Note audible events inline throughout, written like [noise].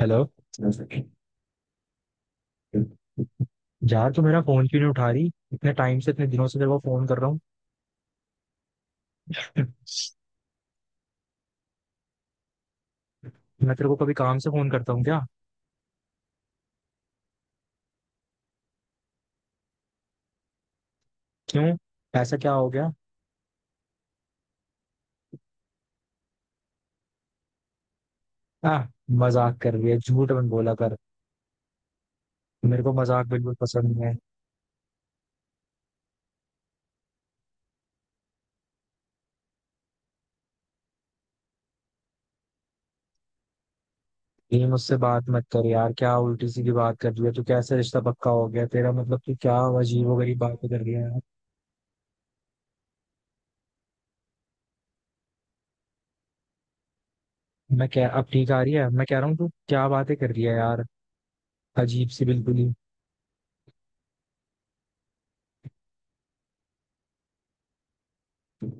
Hello. यार, तू मेरा फोन क्यों नहीं उठा रही? इतने टाइम से, इतने दिनों से तेरे को फोन कर रहा हूँ। [laughs] मैं तेरे को कभी काम से फोन करता हूँ क्या? क्यों? ऐसा क्या हो गया? आ, मजाक कर रही है, झूठ मत बोला कर। मेरे को मजाक बिल्कुल पसंद नहीं है। ये मुझसे बात मत कर यार, क्या उल्टी सी की बात कर रही है तू? कैसे रिश्ता पक्का हो गया तेरा? मतलब तू क्या अजीब वगरीब बातें कर रही है यार। मैं क्या? अब ठीक आ रही है। मैं कह रहा हूँ तू क्या बातें कर रही है यार, अजीब सी बिल्कुल ही।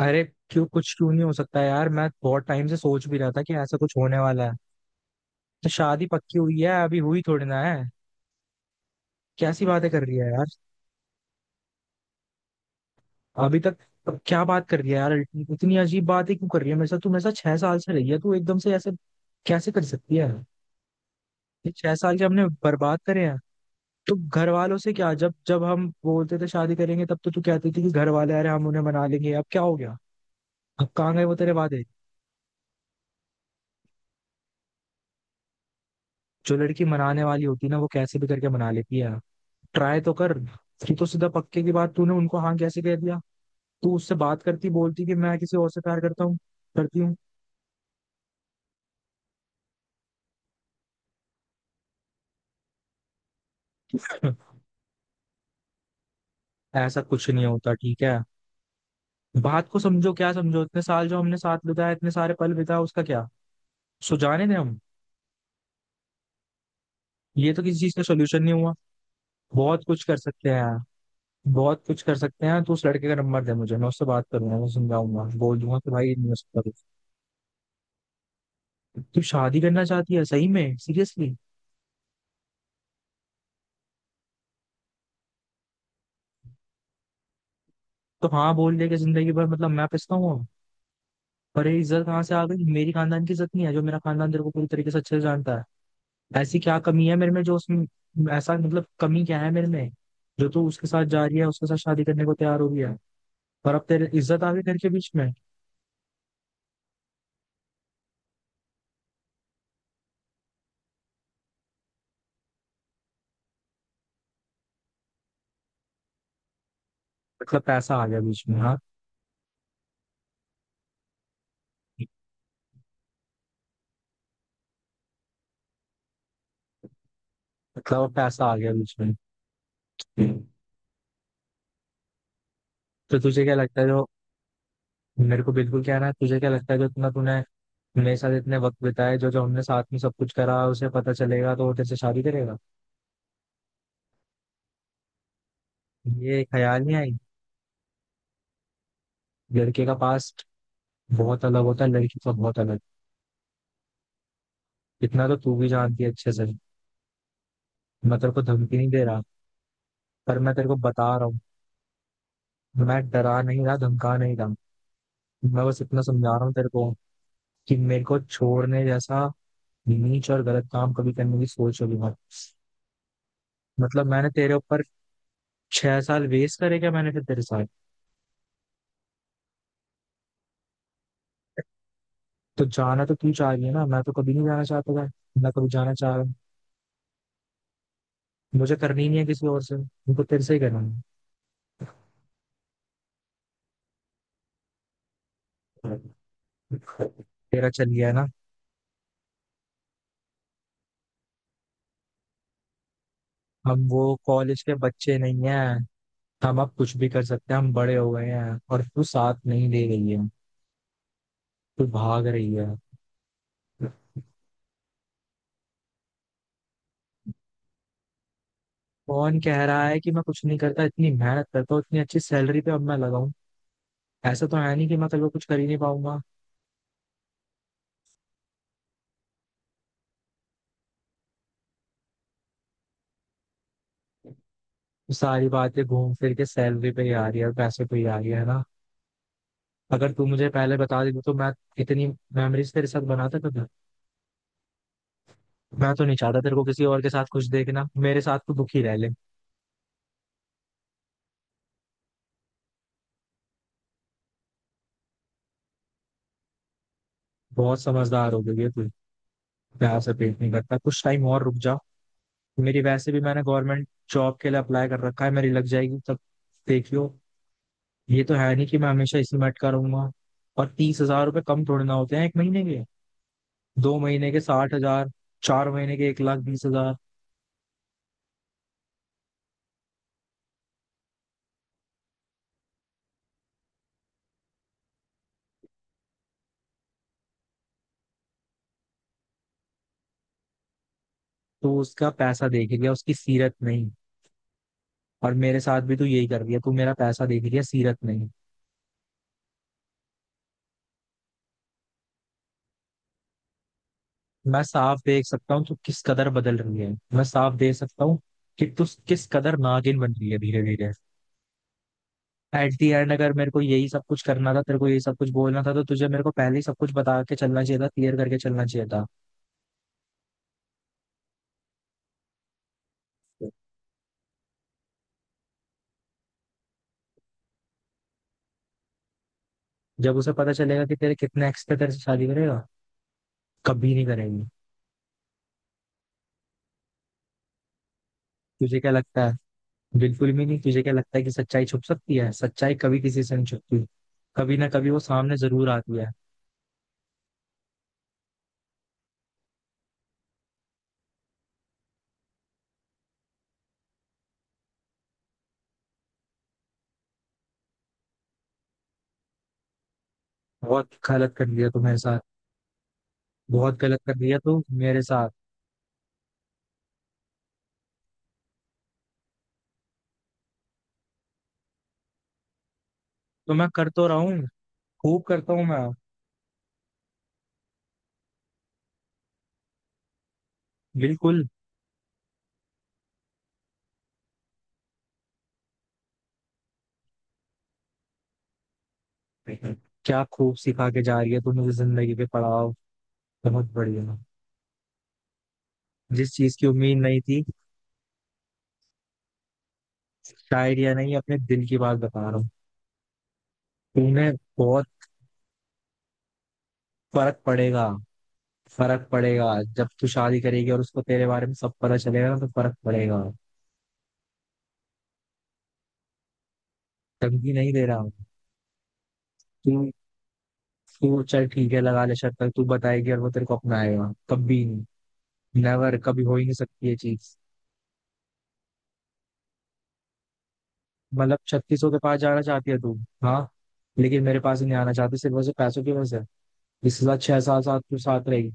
अरे क्यों? कुछ क्यों नहीं हो सकता यार? मैं बहुत टाइम से सोच भी रहा था कि ऐसा कुछ होने वाला है। तो शादी पक्की हुई है, अभी हुई थोड़ी ना है। कैसी बातें कर रही है यार। अभी तक। अब क्या बात कर रही है यार? इतनी अजीब बातें क्यों कर रही है मेरे साथ? तू मेरे साथ 6 साल से रही है, तू एकदम से ऐसे कैसे कर सकती है? ये 6 साल के हमने बर्बाद करे हैं। तो घर वालों से क्या, जब जब हम बोलते थे शादी करेंगे तब तो तू कहती थी कि घर वाले अरे हम उन्हें मना लेंगे, अब क्या हो गया? अब कहाँ गए वो तेरे वादे? जो लड़की मनाने वाली होती है ना वो कैसे भी करके मना लेती है। ट्राई तो कर। ये तो सीधा पक्के की बात तूने उनको हाँ कैसे कह दिया? तू उससे बात करती, बोलती कि मैं किसी और से प्यार करता हूँ करती हूँ। [laughs] ऐसा कुछ नहीं होता, ठीक है। बात को समझो क्या समझो? इतने साल जो हमने साथ बिताए, इतने सारे पल बिताए, उसका क्या? सो जाने दें हम? ये तो किसी चीज का सोल्यूशन नहीं हुआ। बहुत कुछ कर सकते हैं यार। बहुत कुछ कर सकते हैं, तो उस लड़के का नंबर दे मुझे, मैं उससे बात करूंगा, मैं समझाऊंगा, बोल दूंगा कि भाई नहीं हो सकता कुछ। तू शादी करना चाहती है सही में, सीरियसली? तो हाँ बोल दे कि जिंदगी भर मतलब मैं पिसता हूँ। पर ये इज्जत कहाँ से आ गई? मेरी खानदान की इज्जत नहीं है? जो मेरा खानदान तेरे को पूरी तरीके से अच्छे से जानता है। ऐसी क्या कमी है मेरे में जो उसमें? ऐसा मतलब कमी क्या है मेरे में जो तू उसके साथ जा रही है, उसके साथ शादी करने को तैयार हो गया है। पर अब तेरे इज्जत आ गई घर के बीच में। मतलब पैसा आ गया बीच में, हाँ। मतलब अब पैसा आ गया बीच में। तो तुझे क्या लगता है जो मेरे को बिल्कुल कहना है? तुझे क्या लगता है जो इतना तूने मेरे साथ इतने वक्त बिताए, जो जो हमने साथ में सब कुछ करा, उसे पता चलेगा तो वो तेरे से शादी करेगा? ये ख्याल नहीं आई? लड़के का पास बहुत अलग होता है, लड़की का बहुत अलग। इतना तो तू भी जानती है अच्छे से। मैं तेरे को धमकी नहीं दे रहा, पर मैं तेरे को बता रहा हूँ। मैं डरा नहीं रहा, धमका नहीं रहा। मैं बस इतना समझा रहा हूँ तेरे को कि मेरे को छोड़ने जैसा नीच और गलत काम कभी करने की सोच होगी मत। मतलब मैंने तेरे ऊपर 6 साल वेस्ट करे क्या? मैंने फिर तेरे साथ। तो जाना तो तू चाह रही है ना, मैं तो कभी नहीं जाना चाहता था। मैं कभी जाना चाह रहा हूँ? मुझे करनी ही नहीं है किसी और से, उनको तेरे से ही करना है। तेरा चल गया है ना। हम वो कॉलेज के बच्चे नहीं है, हम अब कुछ भी कर सकते हैं, हम बड़े हो गए हैं, और तू साथ नहीं दे रही है, तू भाग रही है। कौन कह रहा है कि मैं कुछ नहीं करता? इतनी मेहनत करता हूँ, इतनी अच्छी सैलरी पे अब मैं लगाऊं। ऐसा तो है नहीं कि मैं कल को कुछ कर ही नहीं पाऊंगा। सारी बातें घूम फिर के सैलरी पे ही आ रही है और पैसे पे ही आ रही है ना। अगर तू मुझे पहले बता देती तो मैं इतनी मेमोरीज तेरे साथ बनाता कभी? मैं तो नहीं चाहता तेरे को किसी और के साथ खुश देखना, मेरे साथ तू दुखी रह ले। बहुत समझदार हो गई है तू। प्यार से पेट नहीं करता, कुछ टाइम और रुक जा। मेरी वैसे भी मैंने गवर्नमेंट जॉब के लिए अप्लाई कर रखा है, मेरी लग जाएगी तब। देखियो। ये तो है नहीं कि मैं हमेशा इसी में अटका रहूंगा। और 30,000 रुपये कम थोड़े ना होते हैं 1 महीने के। 2 महीने के 60,000। 4 महीने के 1,20,000। तो उसका पैसा देख लिया, उसकी सीरत नहीं। और मेरे साथ भी तू यही कर रही है, तू मेरा पैसा देख लिया, सीरत नहीं। मैं साफ देख सकता हूँ तू किस कदर बदल रही है, मैं साफ देख सकता हूँ कि तू किस कदर नागिन बन रही है धीरे धीरे। एट दी एंड अगर मेरे को यही सब कुछ करना था, तेरे को यही सब कुछ बोलना था, तो तुझे मेरे को पहले ही सब कुछ बता के चलना चाहिए था, क्लियर करके चलना चाहिए था। जब उसे पता चलेगा कि तेरे कितने एक्स थे, तेरे से शादी करेगा? कभी नहीं करेगी। तुझे क्या लगता है? बिल्कुल भी नहीं। तुझे क्या लगता है कि सच्चाई छुप सकती है? सच्चाई कभी किसी से नहीं छुपती, कभी ना कभी वो सामने जरूर आती है। बहुत गलत कर दिया तू मेरे साथ। बहुत गलत कर दिया तू मेरे साथ। तो मैं कर तो रहा हूँ, खूब करता हूँ मैं। बिल्कुल। क्या खूब सिखा के जा रही है तू मुझे जिंदगी के पड़ाव। बहुत बढ़िया। जिस चीज की उम्मीद नहीं थी। शायद या नहीं, अपने दिल की बात बता रहा हूँ। तूने। बहुत फर्क पड़ेगा। फर्क पड़ेगा। जब तू शादी करेगी और उसको तेरे बारे में सब पता चलेगा ना तो फर्क पड़ेगा। धमकी नहीं दे रहा हूँ। तू तू चल ठीक है, लगा ले शर्त। पर तू बताएगी और वो तेरे को अपनाएगा? कभी नहीं। नेवर। कभी हो ही नहीं सकती ये चीज। मतलब छत्तीसों के पास जाना चाहती है तू? हाँ। लेकिन मेरे पास ही नहीं आना चाहती, सिर्फ वैसे पैसों की वजह से। इसके साथ 6 साल साथ तू साथ रहेगी?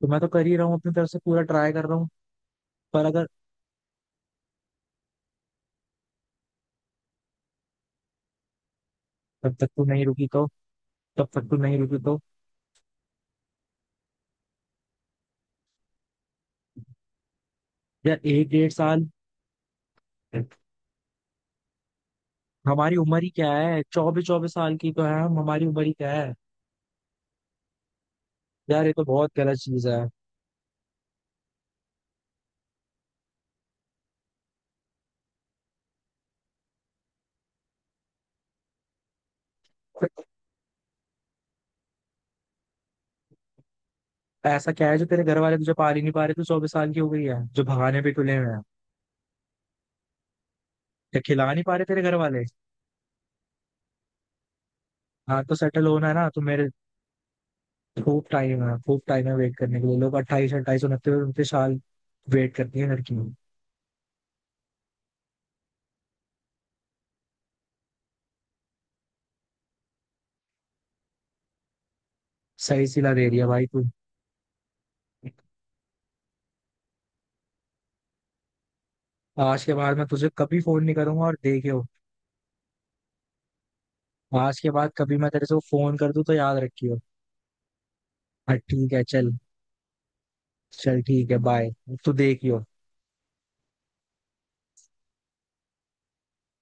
तो मैं तो कर ही रहा हूँ, अपनी तरफ से पूरा ट्राई कर रहा हूँ। पर अगर तब तक तू नहीं रुकी तो। तब तक तू नहीं रुकी तो। यार एक डेढ़ साल। हमारी उम्र ही क्या है? 24-24 साल की तो है हम, हमारी उम्र ही क्या है? यार ये तो बहुत गलत चीज है। ऐसा क्या है जो तेरे घर वाले तुझे पाल ही नहीं पा रहे? तू 24 साल की हो गई है जो भगाने पे तुले हुए हैं? या खिला नहीं पा रहे तेरे घर वाले? हाँ तो सेटल होना है ना, तो मेरे। खूब टाइम है, खूब टाइम है वेट करने के लिए। लोग अट्ठाईस अट्ठाईस, उनतीस उनतीस साल वेट करती है लड़कियों। सही सिला दे रही है भाई तू। आज के बाद मैं तुझे कभी फोन नहीं करूंगा, और देखियो, आज के बाद कभी मैं तेरे से फोन कर दूं तो याद रखियो। हाँ ठीक है चल। चल ठीक है, बाय। तू देखियो।